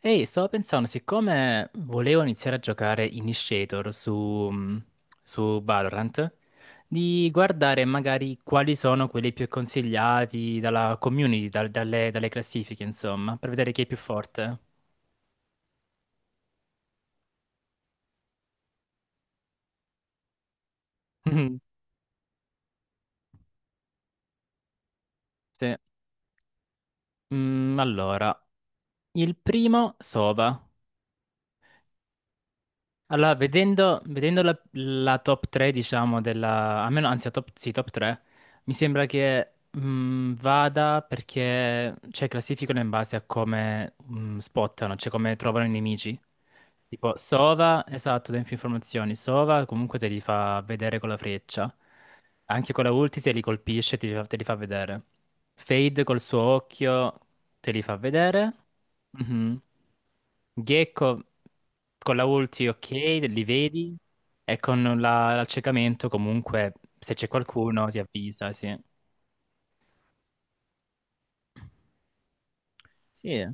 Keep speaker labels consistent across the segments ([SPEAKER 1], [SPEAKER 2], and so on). [SPEAKER 1] Ehi, stavo pensando, siccome volevo iniziare a giocare Initiator su Valorant, di guardare magari quali sono quelli più consigliati dalla community, dalle classifiche, insomma, per vedere chi è più forte. Sì. Allora, il primo, Sova. Allora, vedendo la top 3, diciamo, della, almeno, anzi, la top, sì, top 3, mi sembra che vada perché, cioè, classificano in base a come spottano, cioè come trovano i nemici. Tipo Sova, esatto, tempi informazioni. Sova comunque te li fa vedere con la freccia. Anche con la ulti se li colpisce te li fa vedere. Fade col suo occhio te li fa vedere. Mhm. Gecko con la ulti ok, li vedi. E con l'accecamento comunque se c'è qualcuno ti avvisa, sì. Sì.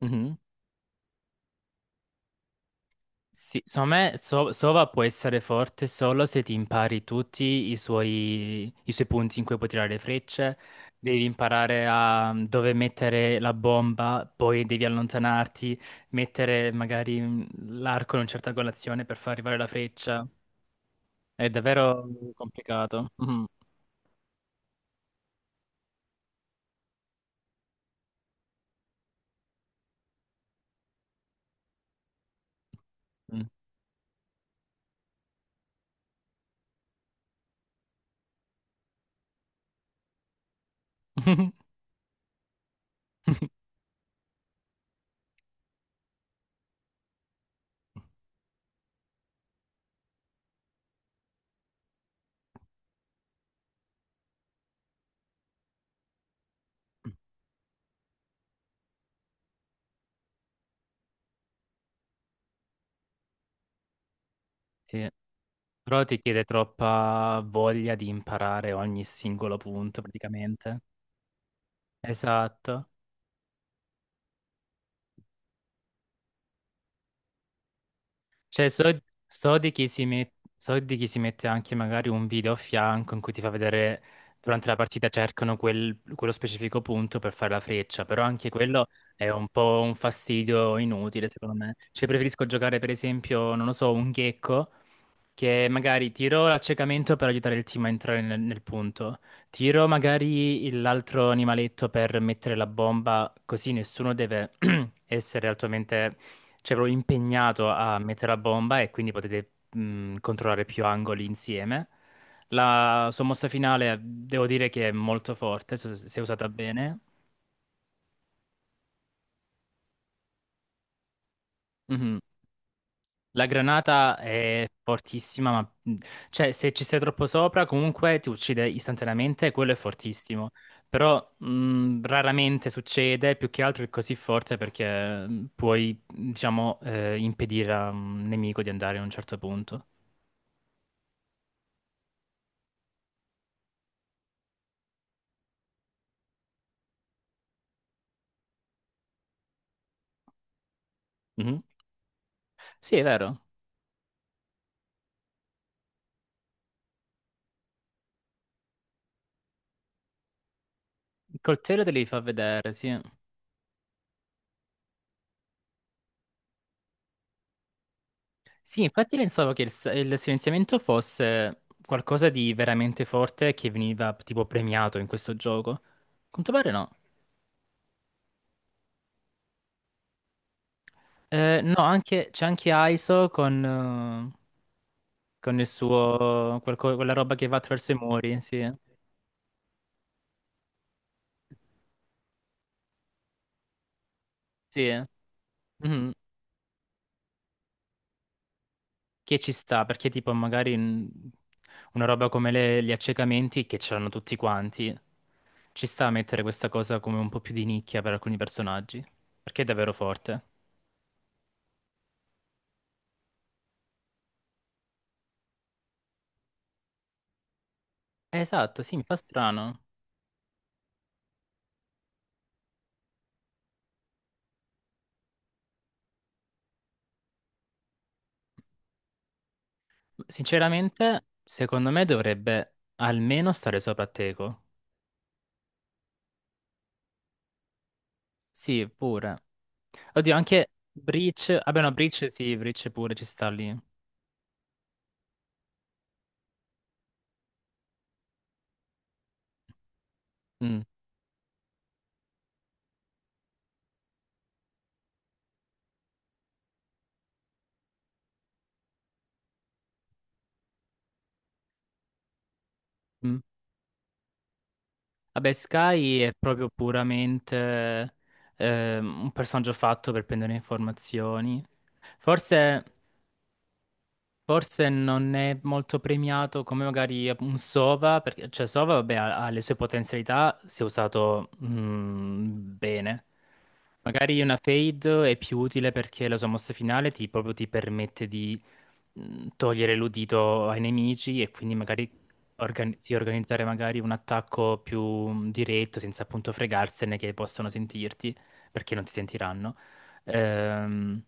[SPEAKER 1] Mhm. Sì, secondo me Sova può essere forte solo se ti impari tutti i suoi punti in cui puoi tirare le frecce, devi imparare a dove mettere la bomba, poi devi allontanarti, mettere magari l'arco in una certa angolazione per far arrivare la freccia. È davvero complicato. Mhm. Mm. Sì, però ti chiede troppa voglia di imparare ogni singolo punto praticamente. Esatto. Cioè, so di chi si mette anche magari un video a fianco in cui ti fa vedere durante la partita cercano quello specifico punto per fare la freccia, però anche quello è un po' un fastidio inutile, secondo me. Cioè, preferisco giocare, per esempio, non lo so, un gecko che magari tiro l'accecamento per aiutare il team a entrare nel punto, tiro magari l'altro animaletto per mettere la bomba, così nessuno deve essere altamente, cioè, proprio impegnato a mettere la bomba e quindi potete controllare più angoli insieme. La sua mossa finale devo dire che è molto forte, se è usata bene. Mhm. La granata è fortissima, ma cioè, se ci sei troppo sopra, comunque ti uccide istantaneamente, quello è fortissimo. Però raramente succede, più che altro è così forte perché puoi, diciamo, impedire a un nemico di andare a un certo punto. Mhm. Sì, è vero. Il coltello te li fa vedere, sì. Sì, infatti pensavo che il silenziamento fosse qualcosa di veramente forte che veniva tipo premiato in questo gioco. A quanto pare no. No, c'è anche ISO con il suo, quella roba che va attraverso i muri, sì. Sì, mhm. Che ci sta, perché tipo magari una roba come gli accecamenti che c'erano tutti quanti, ci sta a mettere questa cosa come un po' più di nicchia per alcuni personaggi, perché è davvero forte. Esatto, sì, mi fa strano. Sinceramente, secondo me dovrebbe almeno stare sopra Teco. Sì, pure. Oddio, anche Breach. Vabbè, no, Breach sì, Breach pure ci sta lì. Mm, mm. Vabbè, Sky è proprio puramente un personaggio fatto per prendere informazioni. Forse, forse non è molto premiato come magari un Sova, perché cioè Sova, vabbè, ha le sue potenzialità se usato bene. Magari una Fade è più utile perché la sua mossa finale ti, proprio ti permette di togliere l'udito ai nemici e quindi magari sì, organizzare magari un attacco più diretto senza appunto fregarsene che possono sentirti perché non ti sentiranno. Ehm,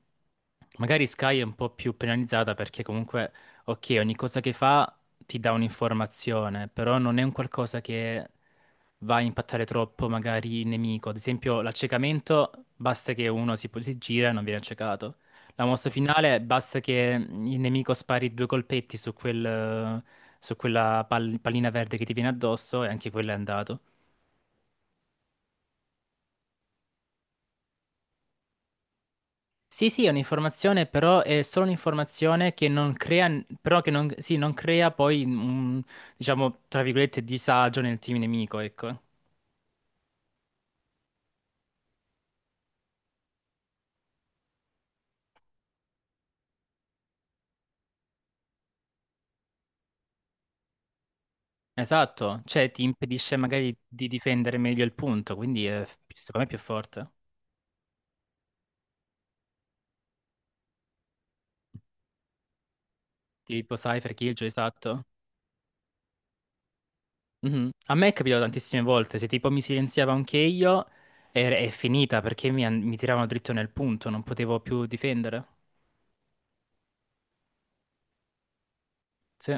[SPEAKER 1] Magari Sky è un po' più penalizzata perché comunque, ok, ogni cosa che fa ti dà un'informazione, però non è un qualcosa che va a impattare troppo magari il nemico. Ad esempio, l'accecamento basta che uno si gira e non viene accecato. La mossa finale basta che il nemico spari due colpetti su quella pallina verde che ti viene addosso e anche quello è andato. Sì, sì, è un'informazione, però è solo un'informazione che non crea, però che non, sì, non crea poi un, diciamo, tra virgolette, disagio nel team nemico, ecco. Esatto, cioè ti impedisce magari di difendere meglio il punto, quindi, secondo me è più forte. Tipo Cypher Killjoy, esatto. Mhm. A me è capitato tantissime volte, se tipo mi silenziava anche io, è finita perché mi tiravano dritto nel punto, non potevo più difendere. Sì.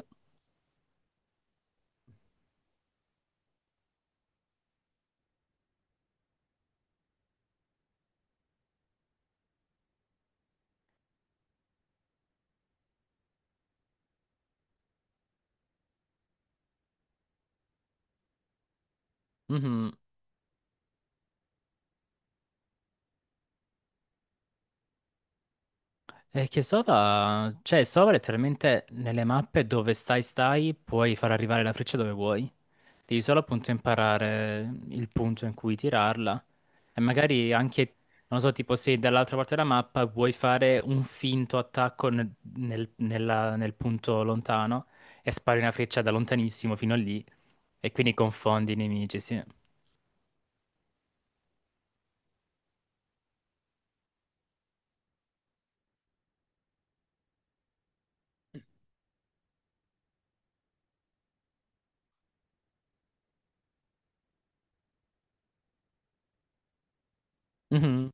[SPEAKER 1] Mhm. E che Sova, cioè Sova letteralmente nelle mappe dove stai puoi far arrivare la freccia dove vuoi. Devi solo appunto imparare il punto in cui tirarla. E magari anche, non so, tipo se dall'altra parte della mappa vuoi fare un finto attacco nel punto lontano e spari una freccia da lontanissimo fino a lì e quindi confondi i nemici, sì. Mhm,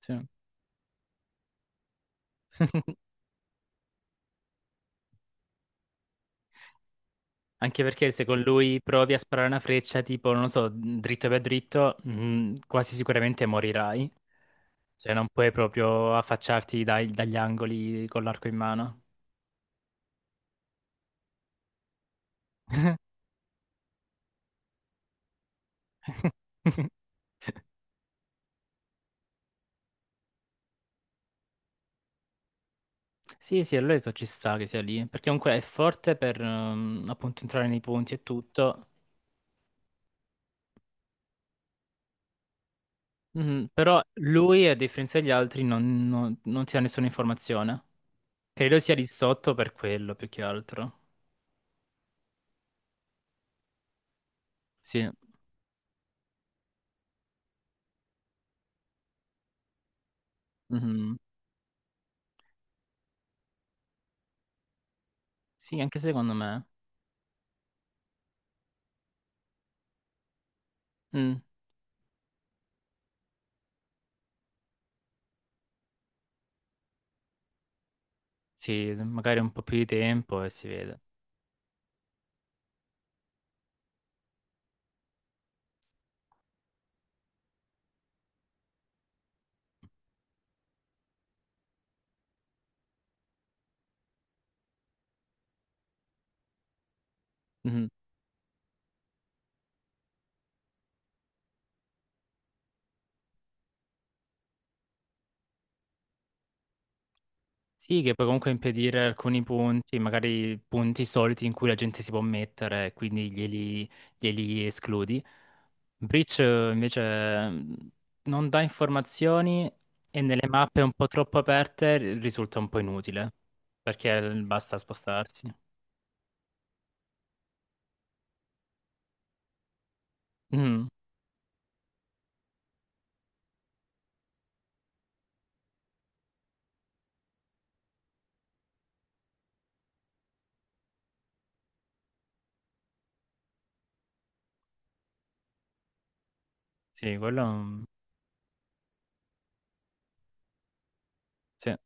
[SPEAKER 1] sì. Anche perché se con lui provi a sparare una freccia, tipo, non lo so, dritto per dritto, quasi sicuramente morirai. Cioè non puoi proprio affacciarti dagli angoli con l'arco in mano. Sì, sì, allora detto ci sta che sia lì, perché comunque è forte per appunto entrare nei punti e tutto. Mhm. però lui, a differenza degli altri, non ti dà nessuna informazione. Credo sia lì sotto per quello, più che altro. Sì. Mhm. Sì, anche secondo me. Mm. Sì, magari un po' più di tempo e si vede. Mhm. Sì, che puoi comunque impedire alcuni punti, magari punti soliti in cui la gente si può mettere, quindi glieli escludi. Breach invece non dà informazioni e nelle mappe un po' troppo aperte risulta un po' inutile perché basta spostarsi. Mm, sì, quello sì.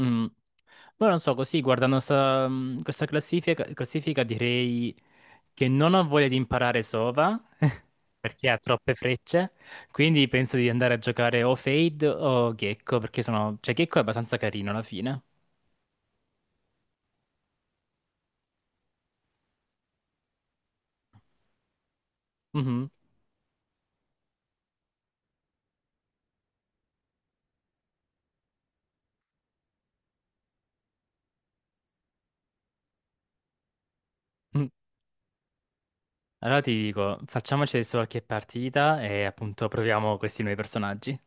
[SPEAKER 1] Mm. Poi non so, così guardando questa classifica direi che non ho voglia di imparare Sova perché ha troppe frecce, quindi penso di andare a giocare o Fade o Gecko perché sono, cioè Gecko è abbastanza carino alla fine. Mhm. Allora ti dico, facciamoci adesso qualche partita e appunto proviamo questi nuovi personaggi.